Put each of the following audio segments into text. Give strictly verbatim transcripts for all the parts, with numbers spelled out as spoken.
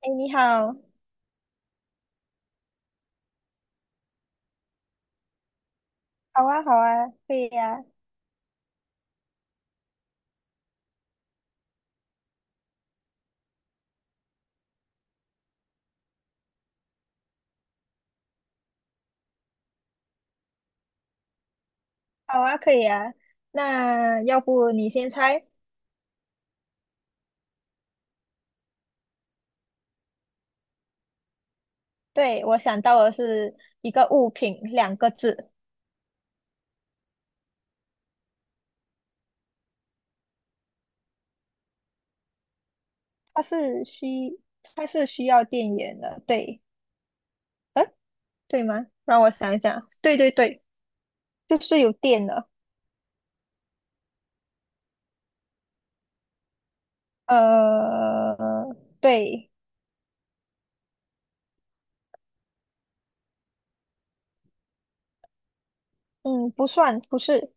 哎，你好。好啊，好啊，可以呀。好啊，可以呀。那要不你先猜？对，我想到的是一个物品，两个字。它是需，它是需要电源的，对。呃，对吗？让我想一想。对对对，就是有电的。呃，对。嗯，不算，不是。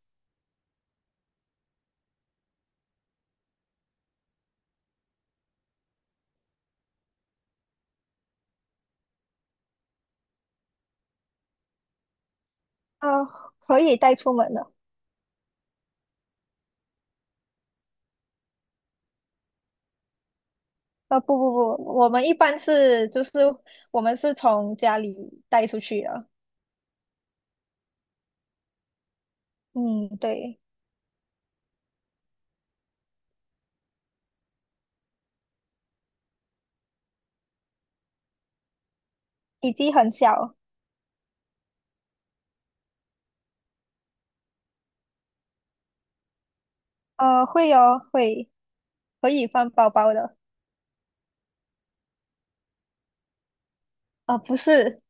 呃，可以带出门的。呃，不不不，我们一般是就是我们是从家里带出去的。嗯，对。体积很小。呃，会哦，会可以放包包的。啊，不是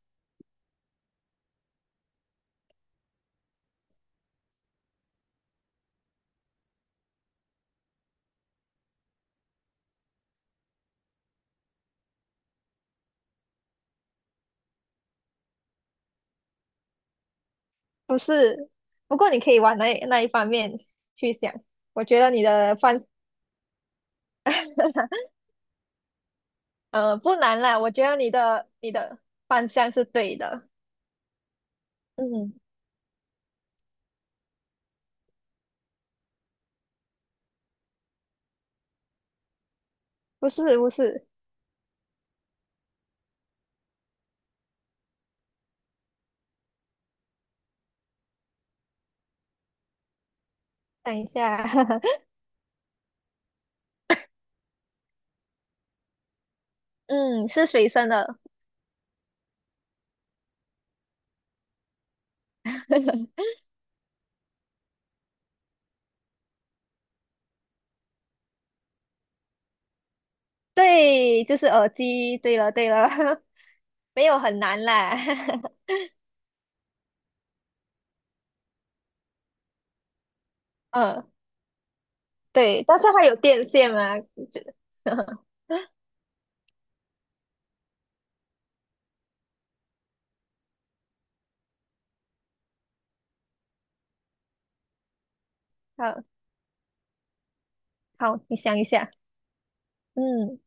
不是。不过你可以往那那一方面去想。我觉得你的方，呃，不难啦。我觉得你的你的方向是对的。嗯，不是不是。等一下。嗯，是随身的。对，就是耳机。对了对了。没有很难啦。嗯，对，但是它有电线嘛，就 好。好，你想一下。嗯，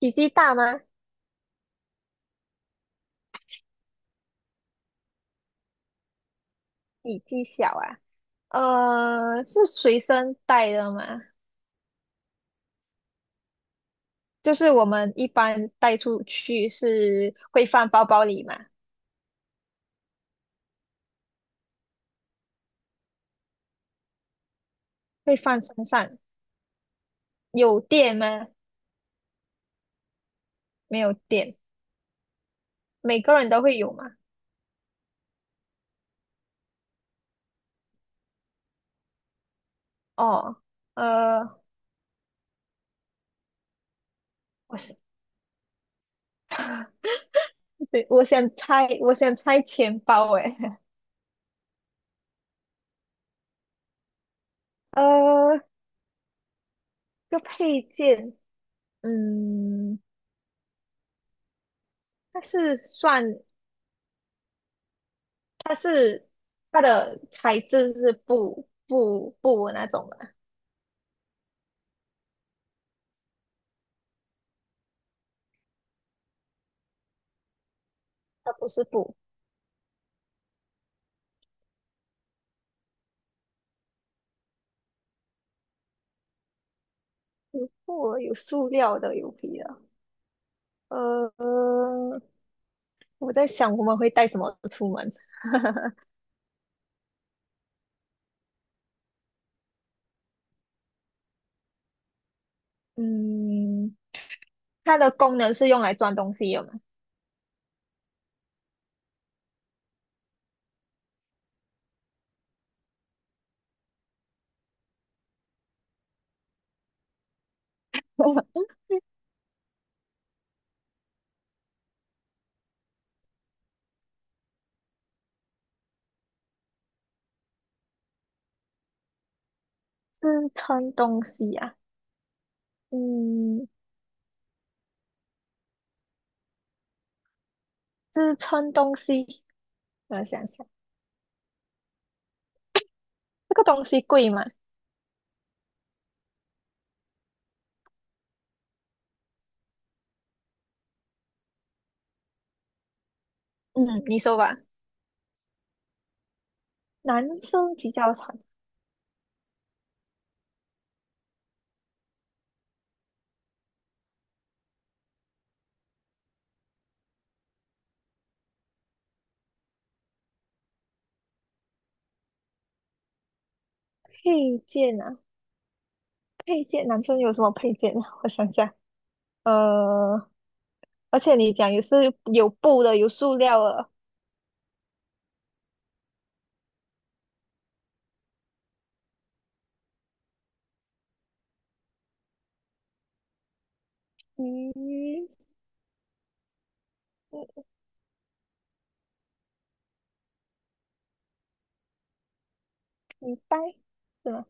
体积大吗？体积小啊？呃，是随身带的吗？就是我们一般带出去是会放包包里吗？会放身上？有电吗？没有电。每个人都会有吗？哦。呃，我想。对，我想猜，我想猜钱包，诶。呃，这个配件，嗯，它是算。它是它的材质是布布布那种的。它不是布。布有塑料的，有皮的。呃，我在想我们会带什么出门？嗯，它的功能是用来装东西的吗？支撑东西啊。嗯，支撑东西。我想想。这个东西贵吗？嗯，你说吧。男生比较常配件啊。配件，男生有什么配件啊？我想想。呃，而且你讲也是有布的，有塑料的。嗯嗯，皮带是吗？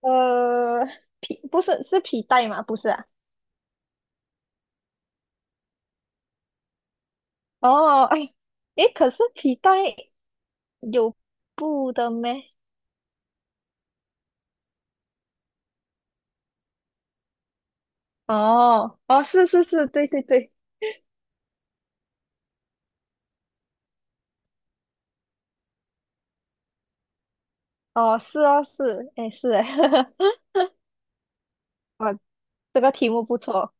呃，皮不是是皮带吗？不是啊。哦，哎，诶，可是皮带有布的咩？哦哦，是是是，对对对。哦是哦是，哎是诶。哦这个题目不错。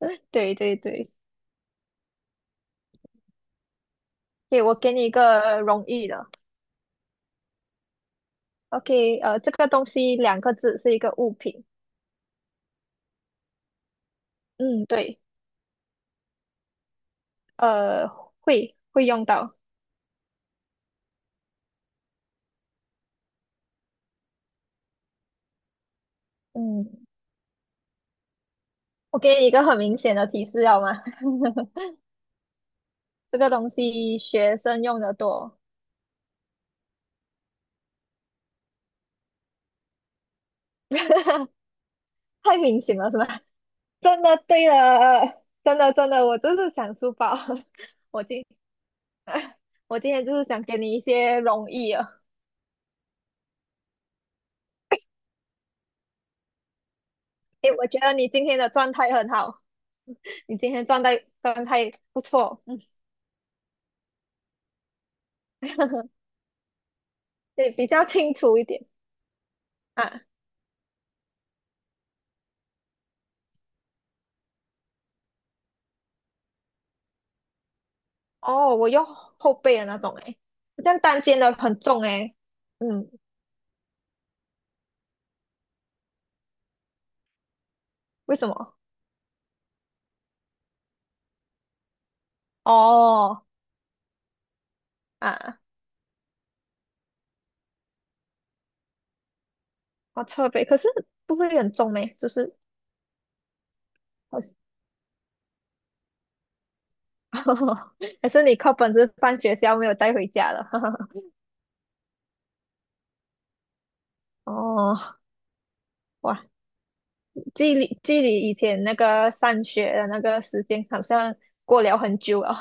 对对对。给我给你一个容易的，OK。呃，这个东西两个字是一个物品。嗯对。呃，会会用到。嗯，我给你一个很明显的提示，好吗？这个东西学生用的多。太明显了，是吧？真的，对了，真的真的，我就是想书包。我今 我今天就是想给你一些容易啊。诶，我觉得你今天的状态很好。你今天状态状态不错。嗯，对，比较清楚一点啊。哦，我用后背的那种，诶，这样单肩的很重，诶。嗯，为什么？哦，啊，好特别。可是不会很重呢，就是好。还是你靠本是放学校没有带回家了？哦，哇，距离距离以前那个上学的那个时间好像过了很久了。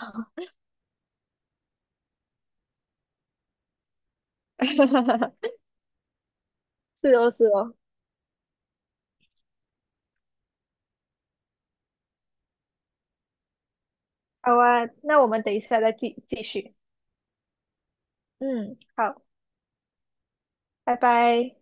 是哦是哦。好啊，那我们等一下再继继续，嗯，好，拜拜。